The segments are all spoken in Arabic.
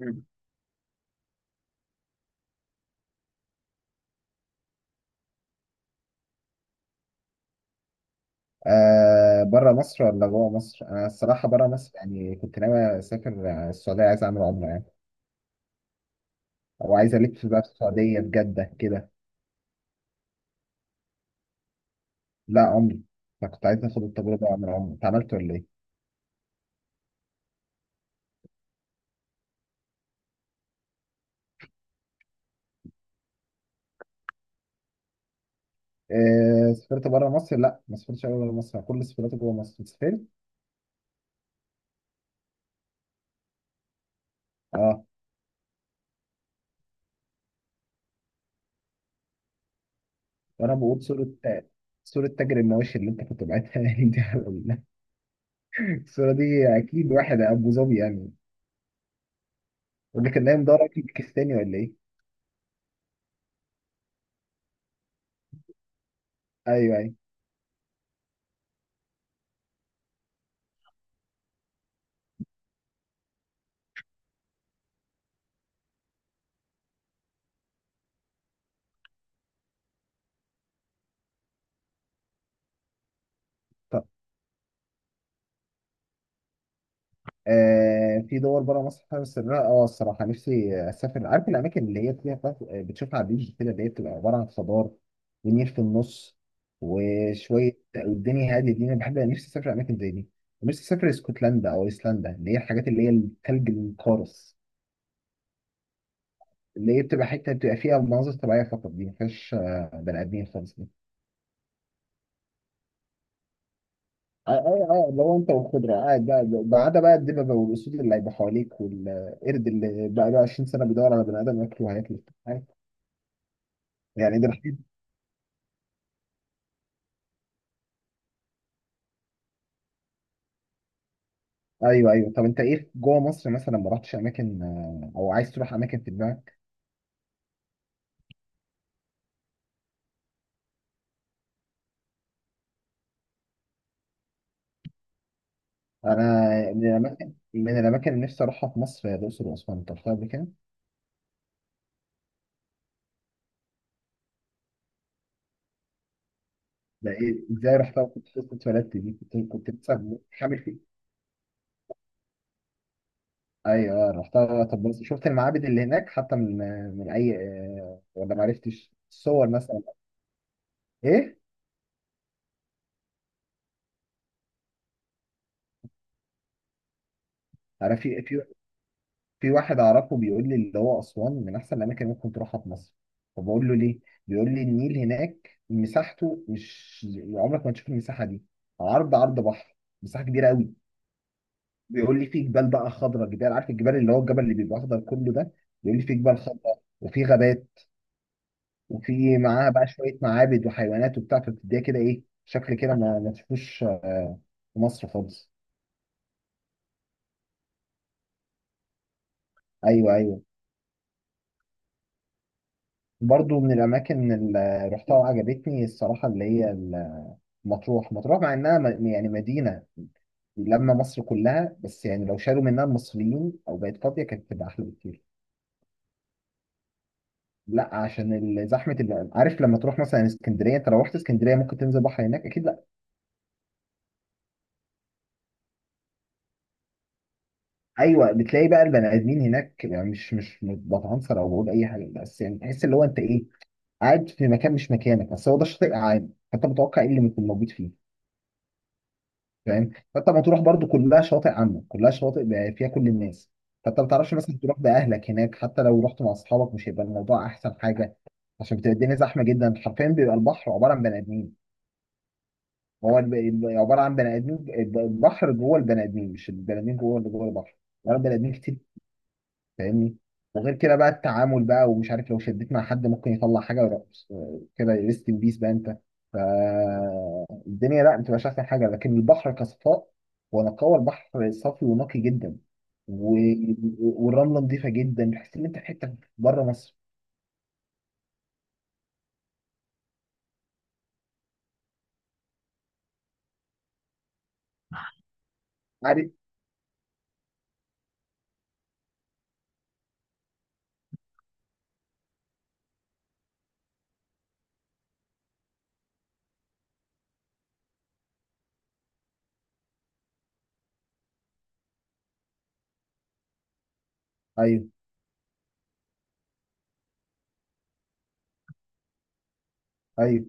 مم. بره مصر ولا جوه مصر؟ أنا الصراحة بره مصر، يعني كنت ناوي أسافر السعودية، عايز أعمل عمرة يعني، أو عايز ألف بقى في السعودية في جدة كده. لا عمرة. فكنت عايز آخد التجربة وأعمل عمرة. أنت عملت ولا إيه؟ سافرت بره مصر؟ لا، ما سافرتش أوي بره مصر، أنا كل سفراتي جوه مصر. أنت سافرت؟ أه. وأنا بقول صورة، تاجر المواشي اللي أنت كنت بعتها لي دي على الصورة دي أكيد واحد أبو ظبي يعني، يقول لك إن هي مدور أكل باكستاني ولا إيه؟ أيوه، أيوه. في دول بره مصر حابب اسافرها. اه الصراحه نفسي اسافر، عارف الاماكن اللي هي فيها بتشوفها على البيج كده، اللي هي بتبقى عباره عن خضار ونيل في النص وشويه، والدنيا هاديه دي، انا بحب نفسي اسافر اماكن زي دي. نفسي اسافر اسكتلندا او ايسلندا، اللي هي الحاجات اللي هي الثلج القارص، اللي هي بتبقى حته بتبقى فيها مناظر طبيعيه فقط، دي ما فيهاش بني ادمين خالص دي. لو انت والخضره قاعد، بقى بعد بقى الدببه والاسود اللي هيبقى حواليك، والقرد اللي بقى له 20 سنه بيدور على بني ادم ياكله وهياكله. يعني ده الحين. ايوه، ايوه. طب انت ايه جوه مصر مثلا؟ ما رحتش اماكن او عايز تروح اماكن في دماغك؟ انا من الاماكن، اللي نفسي اروحها في مصر، هي الاقصر واسوان، انت رحتها قبل كده؟ لا، ايه ازاي رحتها وكنت لسه اتولدت؟ دي كنت، لسه حامل فيه. ايوه، رحتها. طب بس شفت المعابد اللي هناك حتى، من اي، ولا ما عرفتش الصور مثلا؟ ايه؟ عارف في واحد اعرفه بيقول لي اللي هو اسوان من احسن الاماكن اللي ممكن تروحها في مصر. فبقول له ليه؟ بيقول لي النيل هناك مساحته، مش عمرك ما تشوف المساحه دي. عرض، بحر. مساحه كبيره قوي. بيقول لي في جبال بقى خضراء، جبال، عارف الجبال اللي هو الجبل اللي بيبقى اخضر كله ده. بيقول لي في جبال خضراء وفي غابات، وفي معاها بقى شويه معابد وحيوانات وبتاع، فبتديها كده ايه شكل كده، ما تشوفوش في مصر خالص. ايوه، ايوه. برضو من الاماكن اللي رحتها وعجبتني الصراحه، اللي هي مطروح. مطروح مع انها يعني مدينه، لما مصر كلها بس يعني لو شالوا منها المصريين او بقت فاضيه كانت تبقى احلى بكتير. لا، عشان زحمه، اللي عارف لما تروح مثلا اسكندريه. انت لو رحت اسكندريه ممكن تنزل بحر هناك اكيد؟ لا. ايوه، بتلاقي بقى البني ادمين هناك، يعني مش بتعنصر او بقول اي حاجه، بس يعني تحس اللي هو انت ايه، قاعد في مكان مش مكانك، بس هو ده الشاطئ عام، فانت متوقع ايه اللي ممكن موجود فيه. فاهم؟ فانت مطروح برضو كلها شواطئ عامه، كلها شواطئ بقى فيها كل الناس، فانت ما تعرفش مثلا تروح باهلك هناك، حتى لو رحت مع اصحابك مش هيبقى الموضوع احسن حاجه، عشان بتبقى الدنيا زحمه جدا، حرفيا بيبقى البحر عباره عن بني ادمين. هو عباره عن بني ادمين، البحر جوه البني ادمين، مش البني ادمين جوه اللي جوه البحر، عباره عن بني ادمين كتير، فاهمني؟ وغير كده بقى التعامل بقى، ومش عارف لو شديت مع حد ممكن يطلع حاجه ورقص. كده ريست ان بيس بقى انت. فالدنيا لا، ما بتبقاش احسن حاجه، لكن البحر كصفاء ونقاوه، البحر صافي ونقي جدا. و... والرمله نظيفه جدا، تحس ان انت في حته بره مصر. عارف؟ ايوه، ايوه،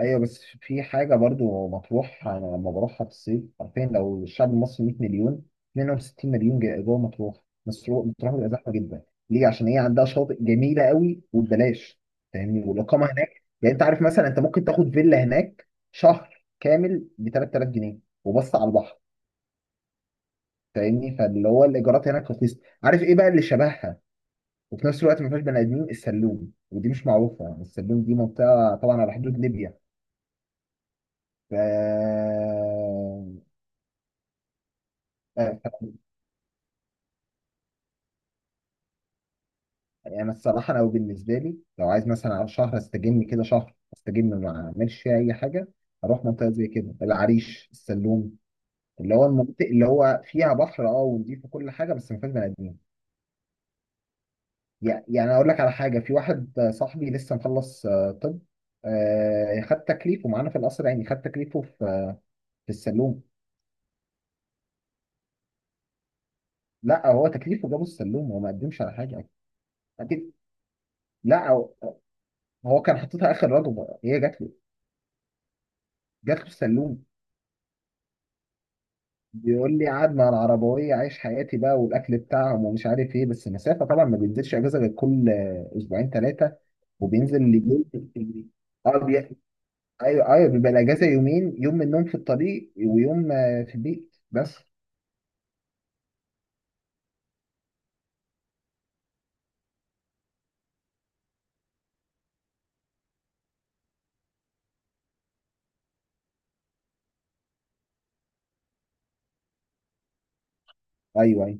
ايوه. بس في حاجه برضو مطروح انا لما بروحها في الصيف، عارفين لو الشعب المصري 100 مليون، منهم 60 مليون جوه مطروح، مطروح بتبقى زحمه جدا. ليه؟ عشان هي عندها شاطئ جميله قوي وببلاش، فاهمني؟ والاقامه هناك، يعني انت عارف مثلا انت ممكن تاخد فيلا هناك شهر كامل ب 3000 جنيه، وبص على البحر. فاهمني؟ فاللي هو الايجارات هناك رخيصه. عارف ايه بقى اللي شبهها؟ وفي نفس الوقت ما فيهاش بني ادمين، السلوم. ودي مش معروفه يعني السلوم، دي منطقه طبعا على حدود ليبيا. ف آه، يعني الصراحة لو بالنسبة لي لو عايز مثلا على شهر استجم كده، شهر استجم ما اعملش فيها أي حاجة، أروح منطقة زي كده العريش، السلوم، اللي هو المناطق اللي هو فيها بحر ونضيف وكل حاجة، بس ما فيهاش بني آدمين. يعني أقول لك على حاجة، في واحد صاحبي لسه مخلص، طب خد تكليفه معانا في القصر، يعني خد تكليفه في في السلوم. لا هو تكليفه جابه السلوم، هو ما قدمش على حاجة. أكيد. لا، هو كان حاططها آخر رجل، هي جات له، جات له السلوم. بيقول لي قاعد مع العربوية عايش حياتي بقى، والأكل بتاعهم ومش عارف إيه، بس مسافة طبعا ما بينزلش أجازة غير كل أسبوعين ثلاثة، وبينزل لجولة التجري. أه، أيوه، أيوه. بيبقى الأجازة يومين، يوم من النوم في الطريق ويوم في البيت بس. أيوه، أيوه.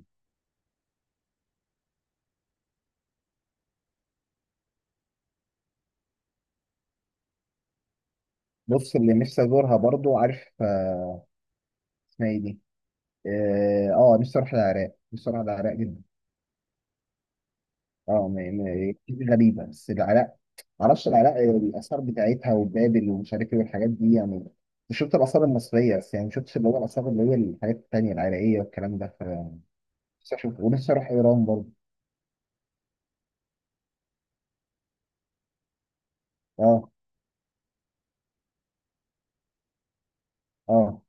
بص اللي نفسي أزورها برضو، عارف اسمها إيه دي؟ أه، نفسي أروح العراق، نفسي أروح العراق جدا. أه، غريبة بس العراق، معرفش العراق الآثار بتاعتها وبابل ومش عارف إيه والحاجات دي يعني. مش شفت الآثار المصرية بس، يعني ما شفتش اللي هو الآثار اللي هي الحاجات التانية العراقية والكلام ده. نفسي أشوف، ونفسي أروح إيران برضه. أه، أه،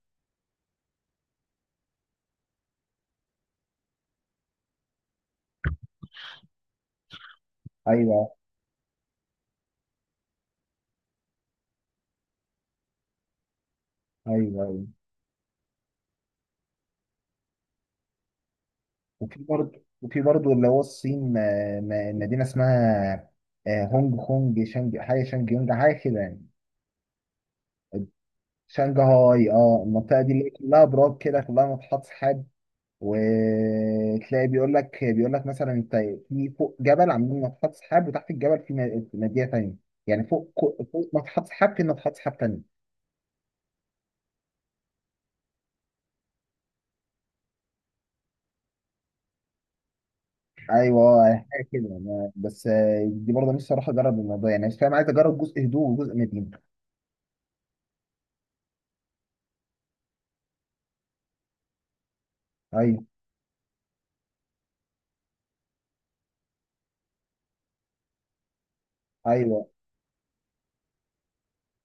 أيوه، أيوه، أيوه. وفي برضه اللي هو الصين. مدينة اسمها هونج كونج، شانج حاجة، شانج يونج حاجة كده يعني. شانجهاي. المنطقة دي اللي هي كلها براك كده، كلها ناطحات سحاب. وتلاقي بيقول لك، مثلا انت في فوق جبل عاملين ناطحات سحاب، وتحت الجبل في مدينه ثانيه. يعني فوق ناطحات سحاب في ناطحات سحاب ثانيه. ايوه، حاجه كده. بس دي برضه نفسي اروح اجرب الموضوع، يعني مش فاهم، عايز اجرب جزء هدوء وجزء مدينه. ايوه، ايوه،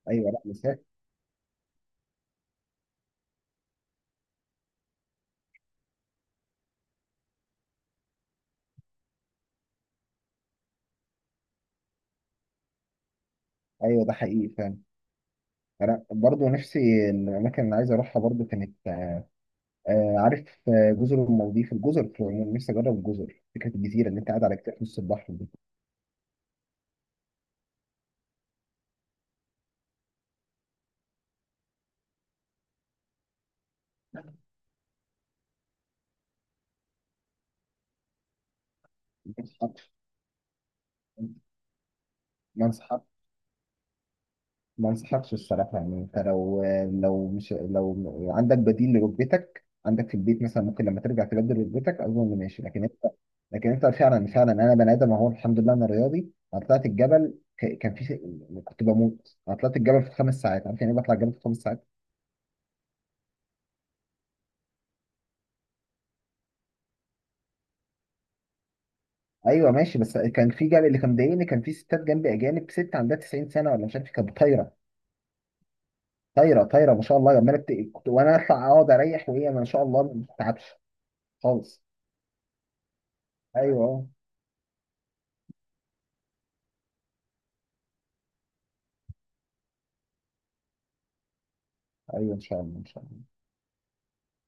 ايوه. لا مسافر. ايوه، ده حقيقي فاهم. انا برضه نفسي، الاماكن اللي عايز اروحها برضه كانت عارف جزر المالديف، الجزر في العموم نفسي اجرب الجزر، فكره الجزيره اللي انت قاعد على كتاف نص البحر دي. ما انصحك ما انصحكش الصراحه، يعني انت لو لو مش لو عندك بديل لركبتك عندك في البيت مثلا، ممكن لما ترجع تبدل ركبتك اظن ماشي، لكن انت، فعلا فعلا انا بني ادم اهو الحمد لله انا رياضي، انا طلعت الجبل، ك- كان في كنت بموت. انا طلعت الجبل في 5 ساعات، عارف يعني ايه بطلع الجبل في 5 ساعات؟ ايوه، ماشي. بس كان في جبل اللي كان مضايقني، كان في ستات جنبي اجانب، ست عندها 90 سنه ولا مش عارف إيه، كانت طايره، طايره، طايره ما شاء الله، عماله وانا اطلع اقعد اريح وهي ما شاء الله ما بتتعبش. خالص. ايوه، ايوه. ان شاء الله، ان شاء الله.